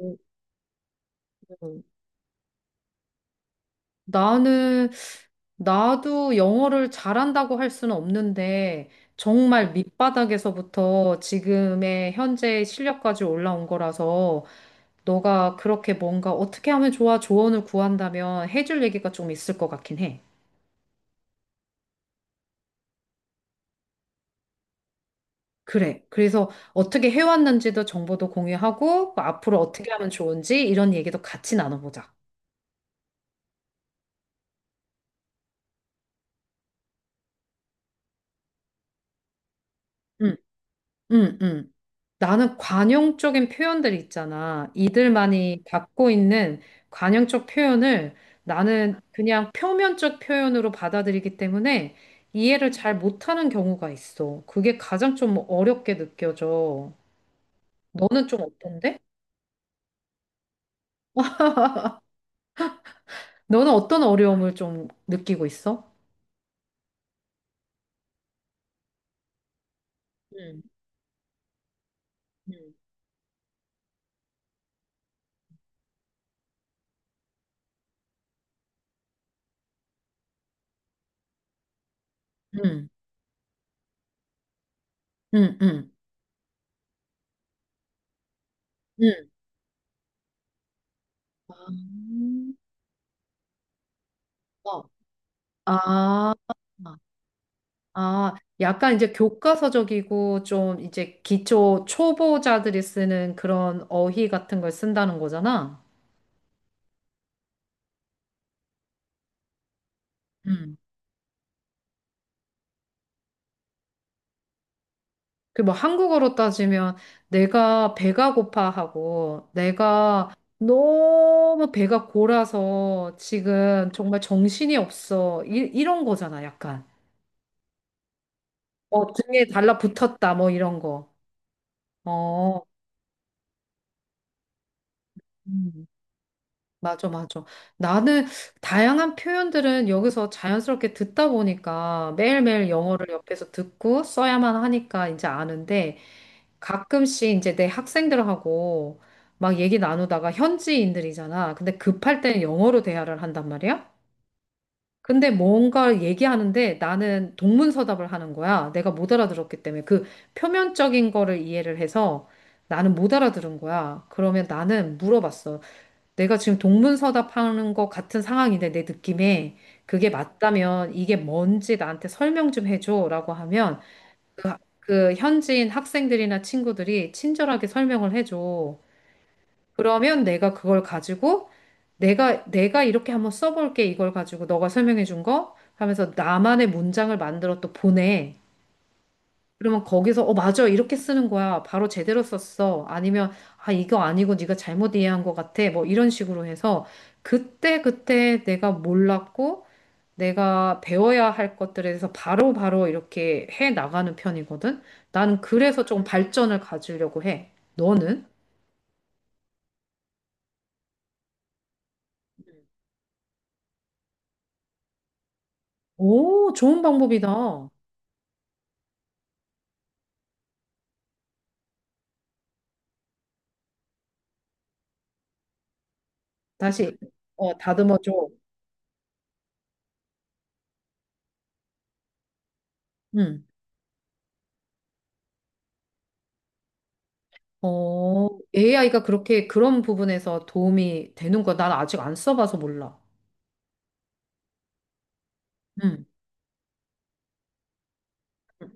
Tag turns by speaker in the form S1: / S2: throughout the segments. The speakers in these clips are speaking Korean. S1: 음, 음. 나는, 나도 영어를 잘한다고 할 수는 없는데, 정말 밑바닥에서부터 지금의 현재 실력까지 올라온 거라서, 너가 그렇게 뭔가 어떻게 하면 좋아 조언을 구한다면 해줄 얘기가 좀 있을 것 같긴 해. 그래. 그래서 어떻게 해왔는지도 정보도 공유하고, 그 앞으로 어떻게 하면 좋은지 이런 얘기도 같이 나눠보자. 응, 응, 응. 나는 관용적인 표현들 있잖아. 이들만이 갖고 있는 관용적 표현을 나는 그냥 표면적 표현으로 받아들이기 때문에 이해를 잘 못하는 경우가 있어. 그게 가장 좀 어렵게 느껴져. 너는 좀 어떤데? 너는 어떤 어려움을 좀 느끼고 있어? 음, 음, 응, 응, 응, 응. 음. 아, 어. 아. 아, 약간 이제 교과서적이고 좀 이제 기초 초보자들이 쓰는 그런 어휘 같은 걸 쓴다는 거잖아. 음. 그 뭐 한국어로 따지면 내가 배가 고파하고 내가 너무 배가 골아서 지금 정말 정신이 없어. 이런 거잖아, 약간. 어, 등에 달라붙었다, 뭐 이런 거. 어. 음. 맞아, 맞아. 나는 다양한 표현들은 여기서 자연스럽게 듣다 보니까 매일매일 영어를 옆에서 듣고 써야만 하니까 이제 아는데 가끔씩 이제 내 학생들하고 막 얘기 나누다가 현지인들이잖아. 근데 급할 때는 영어로 대화를 한단 말이야. 근데 뭔가 얘기하는데 나는 동문서답을 하는 거야. 내가 못 알아들었기 때문에 그 표면적인 거를 이해를 해서 나는 못 알아들은 거야. 그러면 나는 물어봤어. 내가 지금 동문서답하는 것 같은 상황인데 내 느낌에 그게 맞다면 이게 뭔지 나한테 설명 좀 해줘라고 하면 그, 그 현지인 학생들이나 친구들이 친절하게 설명을 해줘. 그러면 내가 그걸 가지고 내가 이렇게 한번 써볼게 이걸 가지고 너가 설명해준 거 하면서 나만의 문장을 만들어 또 보내. 그러면 거기서 어 맞아 이렇게 쓰는 거야 바로 제대로 썼어 아니면 아 이거 아니고 네가 잘못 이해한 것 같아 뭐 이런 식으로 해서 그때 그때 내가 몰랐고 내가 배워야 할 것들에 대해서 바로바로 이렇게 해 나가는 편이거든 나는 그래서 조금 발전을 가지려고 해. 너는? 오, 좋은 방법이다. 다시 다듬어 줘. 음어 AI가 그렇게 그런 부분에서 도움이 되는 거 난 아직 안 써봐서 몰라. 응.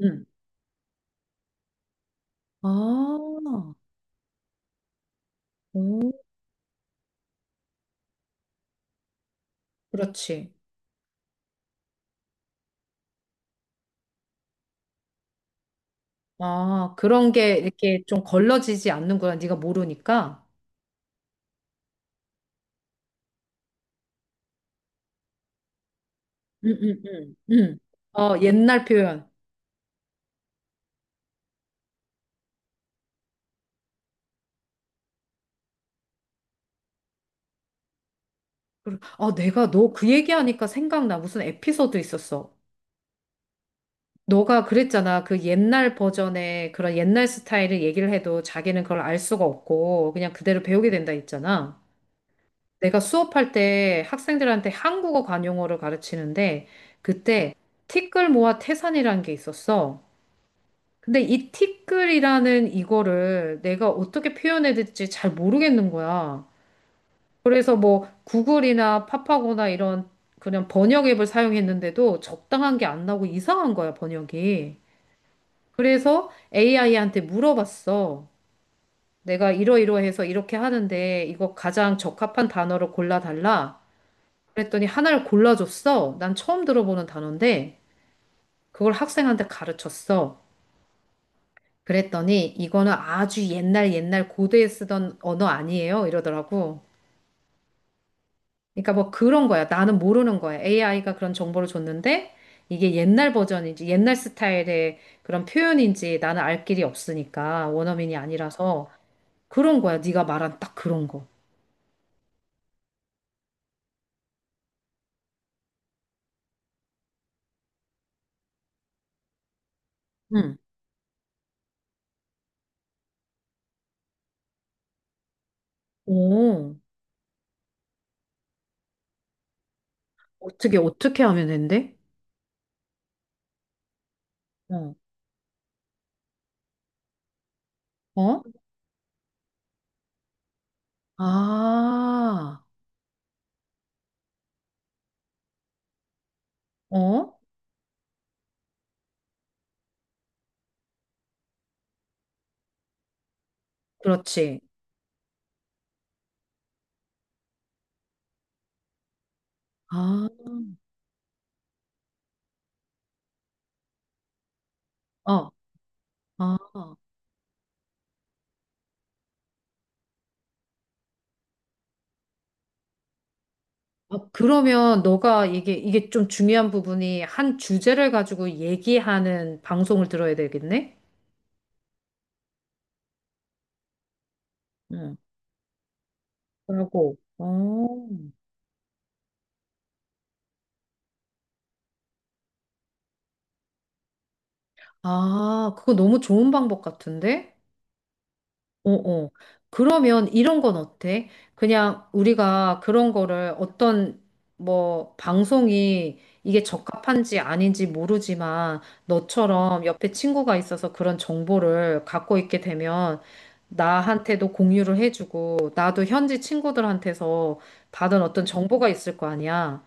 S1: 응. 아, 오, 그렇지. 아, 그런 게 이렇게 좀 걸러지지 않는구나. 네가 모르니까. 응, 응, 응. 응. 어, 옛날 표현. 아, 내가 너 그 얘기하니까 생각나. 무슨 에피소드 있었어. 너가 그랬잖아. 그 옛날 버전의 그런 옛날 스타일을 얘기를 해도 자기는 그걸 알 수가 없고 그냥 그대로 배우게 된다 했잖아. 내가 수업할 때 학생들한테 한국어 관용어를 가르치는데 그때 티끌 모아 태산이라는 게 있었어. 근데 이 티끌이라는 이거를 내가 어떻게 표현해야 될지 잘 모르겠는 거야. 그래서 뭐 구글이나 파파고나 이런 그냥 번역 앱을 사용했는데도 적당한 게 안 나오고 이상한 거야, 번역이. 그래서 AI한테 물어봤어. 내가 이러이러해서 이렇게 하는데 이거 가장 적합한 단어를 골라달라. 그랬더니 하나를 골라줬어. 난 처음 들어보는 단어인데 그걸 학생한테 가르쳤어. 그랬더니 이거는 아주 옛날 옛날 고대에 쓰던 언어 아니에요 이러더라고. 그러니까 뭐 그런 거야. 나는 모르는 거야. AI가 그런 정보를 줬는데 이게 옛날 버전인지 옛날 스타일의 그런 표현인지 나는 알 길이 없으니까 원어민이 아니라서 그런 거야. 네가 말한 딱 그런 거. 응. 오, 어떻게 하면 된대? 어, 어, 아, 어, 그렇지. 아, 어, 아. 어, 그러면 너가 이게 좀 중요한 부분이 한 주제를 가지고 얘기하는 방송을 들어야 되겠네? 응. 라고. 어. 아, 그거 너무 좋은 방법 같은데? 어, 어. 그러면 이런 건 어때? 그냥 우리가 그런 거를 어떤 뭐 방송이 이게 적합한지 아닌지 모르지만 너처럼 옆에 친구가 있어서 그런 정보를 갖고 있게 되면 나한테도 공유를 해주고 나도 현지 친구들한테서 받은 어떤 정보가 있을 거 아니야.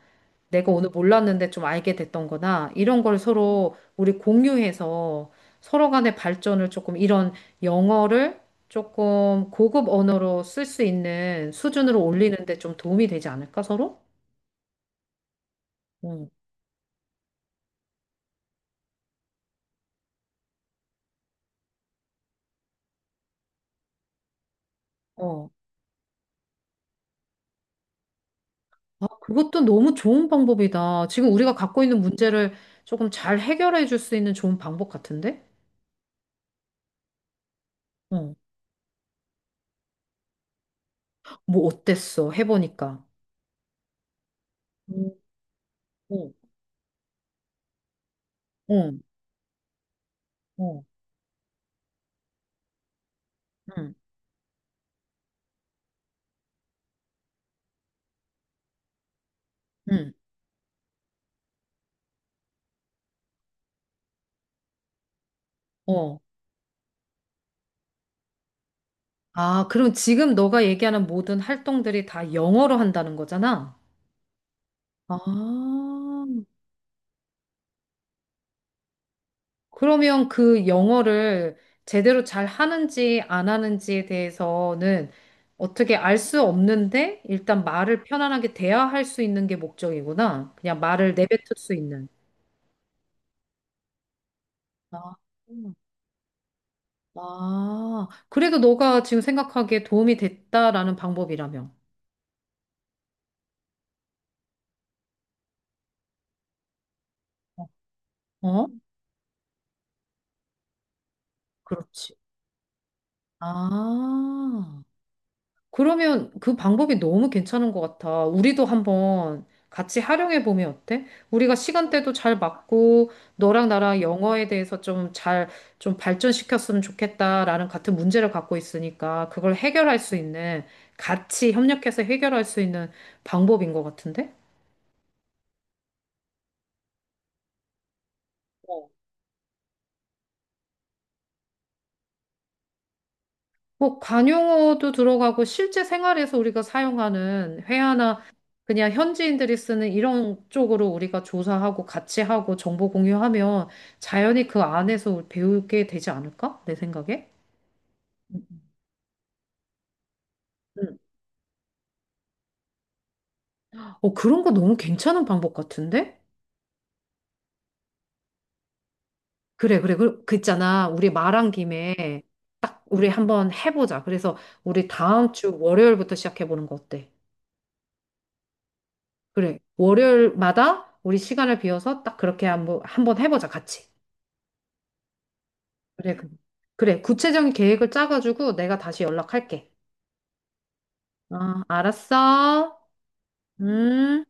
S1: 내가 오늘 몰랐는데 좀 알게 됐던 거나 이런 걸 서로 우리 공유해서 서로 간의 발전을 조금 이런 영어를 조금 고급 언어로 쓸 수 있는 수준으로 올리는데 좀 도움이 되지 않을까, 서로? 응. 어. 아, 그것도 너무 좋은 방법이다. 지금 우리가 갖고 있는 문제를 조금 잘 해결해 줄 수 있는 좋은 방법 같은데? 어. 뭐 어땠어? 해보니까. 응, 응, 응, 응, 응, 응. 아, 그럼 지금 너가 얘기하는 모든 활동들이 다 영어로 한다는 거잖아? 아, 그러면 그 영어를 제대로 잘 하는지 안 하는지에 대해서는 어떻게 알 수 없는데 일단 말을 편안하게 대화할 수 있는 게 목적이구나. 그냥 말을 내뱉을 수 있는. 아, 음. 아, 그래도 너가 지금 생각하기에 도움이 됐다라는 방법이라며. 어? 그렇지. 아. 그러면 그 방법이 너무 괜찮은 것 같아. 우리도 한번 같이 활용해 보면 어때? 우리가 시간대도 잘 맞고, 너랑 나랑 영어에 대해서 좀 잘, 좀 발전시켰으면 좋겠다라는 같은 문제를 갖고 있으니까, 그걸 해결할 수 있는, 같이 협력해서 해결할 수 있는 방법인 것 같은데? 뭐 관용어도 들어가고 실제 생활에서 우리가 사용하는 회화나 그냥 현지인들이 쓰는 이런 쪽으로 우리가 조사하고 같이 하고 정보 공유하면 자연히 그 안에서 배우게 되지 않을까? 내 생각에. 음. 어, 그런 거 너무 괜찮은 방법 같은데? 그래, 그래. 그 있잖아. 우리 말한 김에 딱 우리 한번 해보자. 그래서 우리 다음 주 월요일부터 시작해보는 거 어때? 그래. 월요일마다 우리 시간을 비워서 딱 그렇게 한번 해보자. 같이. 그래, 그래. 그래, 구체적인 계획을 짜가지고 내가 다시 연락할게. 어, 알았어. 음.